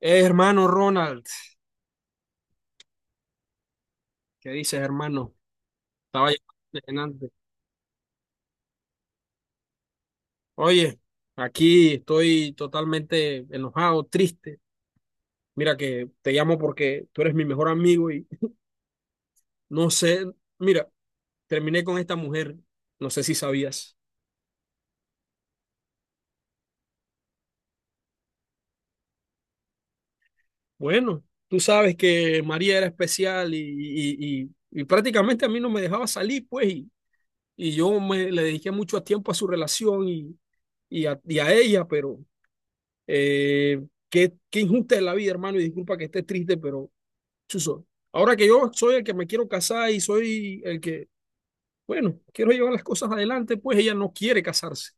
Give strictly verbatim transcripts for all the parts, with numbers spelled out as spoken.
Eh, hermano Ronald, ¿qué dices, hermano? Estaba llenante. Oye, aquí estoy totalmente enojado, triste. Mira que te llamo porque tú eres mi mejor amigo y no sé, mira, terminé con esta mujer, no sé si sabías. Bueno, tú sabes que María era especial y, y, y- y prácticamente a mí no me dejaba salir, pues, y, y yo me, le dediqué mucho tiempo a su relación y, y a, y a ella, pero Eh, qué, qué injusta es la vida, hermano, y disculpa que esté triste, pero chuzo. Ahora que yo soy el que me quiero casar y soy el que, bueno, quiero llevar las cosas adelante, pues ella no quiere casarse.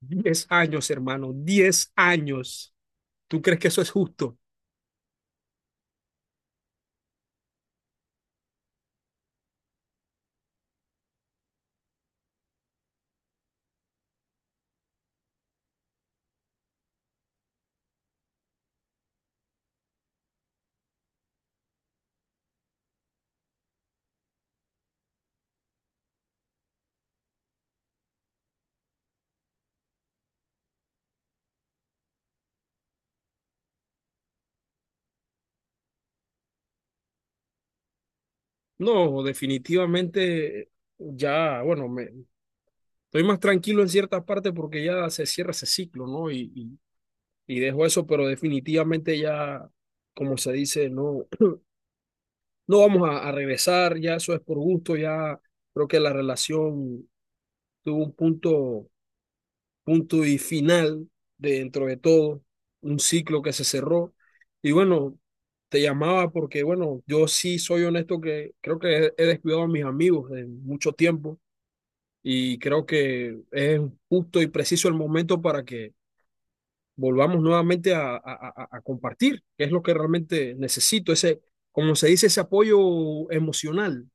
Diez años, hermano, diez años. ¿Tú crees que eso es justo? No, definitivamente ya, bueno, me, estoy más tranquilo en ciertas partes porque ya se cierra ese ciclo, ¿no? Y, y, y dejo eso, pero definitivamente ya, como se dice, no, no vamos a, a regresar, ya eso es por gusto, ya creo que la relación tuvo un punto, punto y final dentro de todo, un ciclo que se cerró. Y bueno, te llamaba porque, bueno, yo sí soy honesto que creo que he descuidado a mis amigos en mucho tiempo y creo que es justo y preciso el momento para que volvamos nuevamente a, a, a a compartir, que es lo que realmente necesito, ese, como se dice, ese apoyo emocional.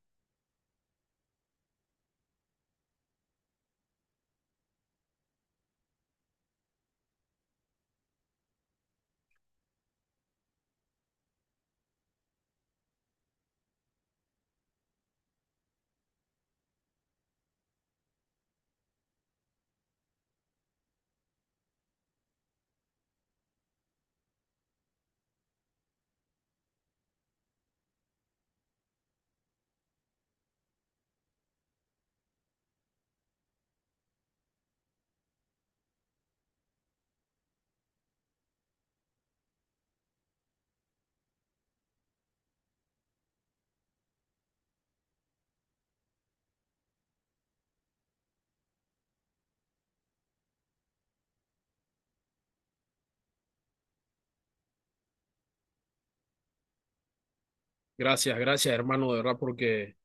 Gracias, gracias, hermano, de verdad, porque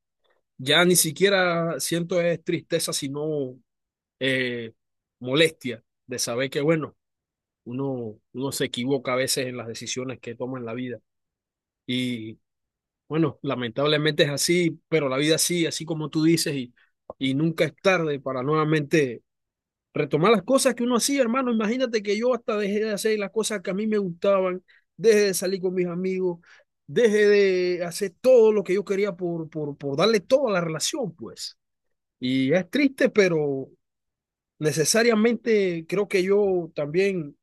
ya ni siquiera siento es tristeza, sino eh, molestia de saber que, bueno, uno, uno se equivoca a veces en las decisiones que toma en la vida. Y bueno, lamentablemente es así, pero la vida sí, así como tú dices, y, y nunca es tarde para nuevamente retomar las cosas que uno hacía, hermano. Imagínate que yo hasta dejé de hacer las cosas que a mí me gustaban, dejé de salir con mis amigos, dejé de hacer todo lo que yo quería por, por, por darle toda la relación, pues. Y es triste, pero necesariamente creo que yo también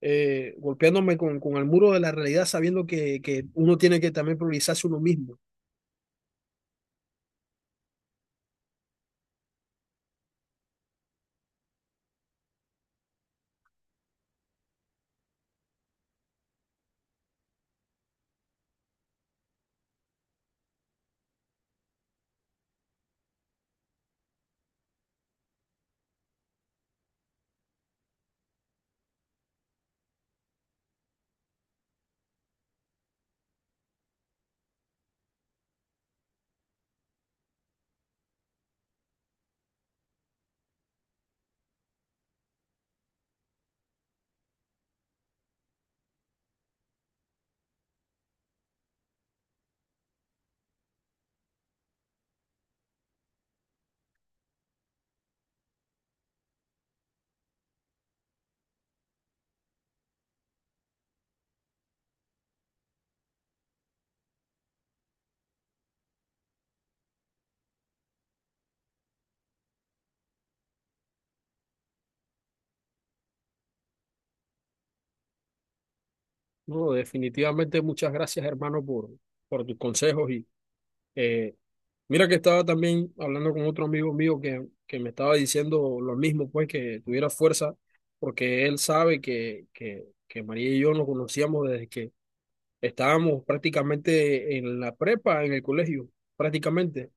eh, golpeándome con, con el muro de la realidad, sabiendo que, que uno tiene que también priorizarse uno mismo. No, definitivamente muchas gracias, hermano, por, por tus consejos y, Eh, mira que estaba también hablando con otro amigo mío que, que me estaba diciendo lo mismo, pues que tuviera fuerza, porque él sabe que, que, que María y yo nos conocíamos desde que estábamos prácticamente en la prepa, en el colegio, prácticamente.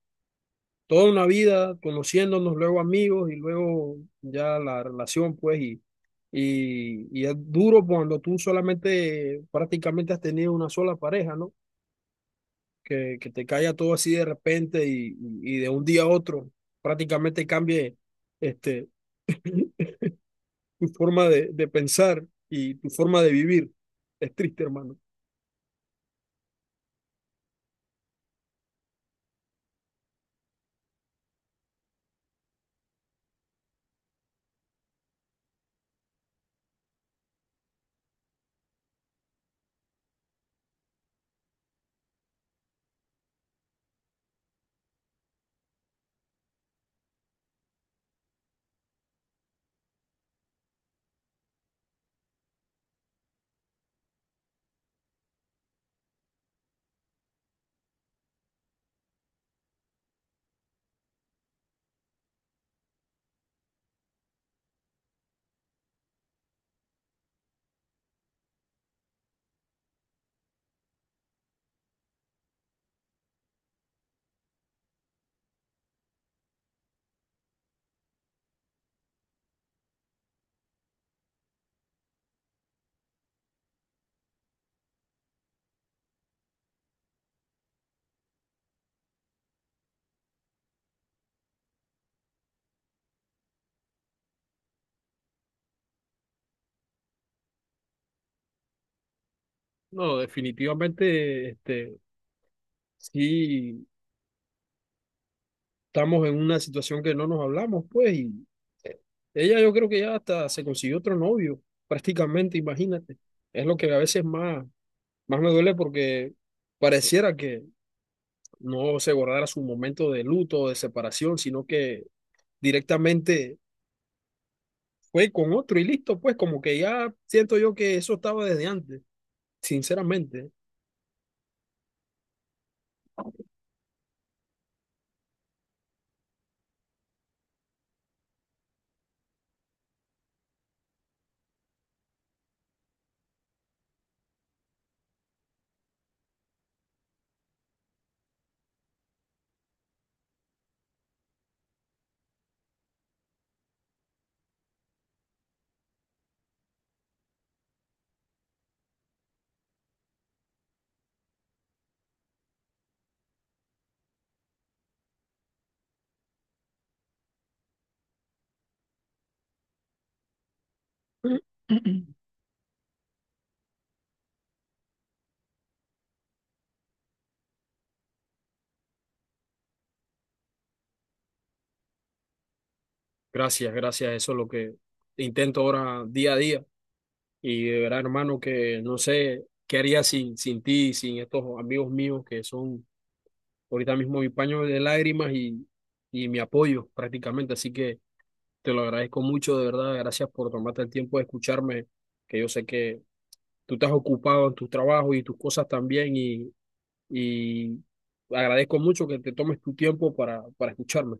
Toda una vida conociéndonos, luego amigos y luego ya la relación, pues, y, y, y es duro cuando tú solamente prácticamente has tenido una sola pareja, ¿no? que, que te caiga todo así de repente y, y de un día a otro prácticamente cambie este, tu forma de, de pensar y tu forma de vivir. Es triste, hermano. No, definitivamente, este, sí, estamos en una situación que no nos hablamos, pues, y ella yo creo que ya hasta se consiguió otro novio, prácticamente, imagínate. Es lo que a veces más, más me duele porque pareciera que no se guardara su momento de luto o de separación, sino que directamente fue con otro y listo, pues como que ya siento yo que eso estaba desde antes, sinceramente. Gracias, gracias, eso es lo que intento ahora día a día. Y de verdad, hermano, que no sé qué haría sin, sin ti, sin estos amigos míos que son ahorita mismo mi paño de lágrimas y, y mi apoyo prácticamente. Así que te lo agradezco mucho, de verdad. Gracias por tomarte el tiempo de escucharme, que yo sé que tú estás ocupado en tu trabajo y tus cosas también y, y agradezco mucho que te tomes tu tiempo para, para, escucharme.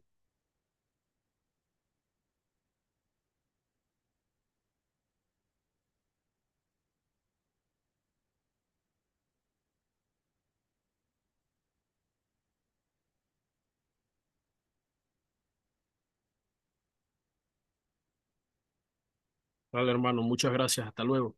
Vale, hermano, muchas gracias. Hasta luego.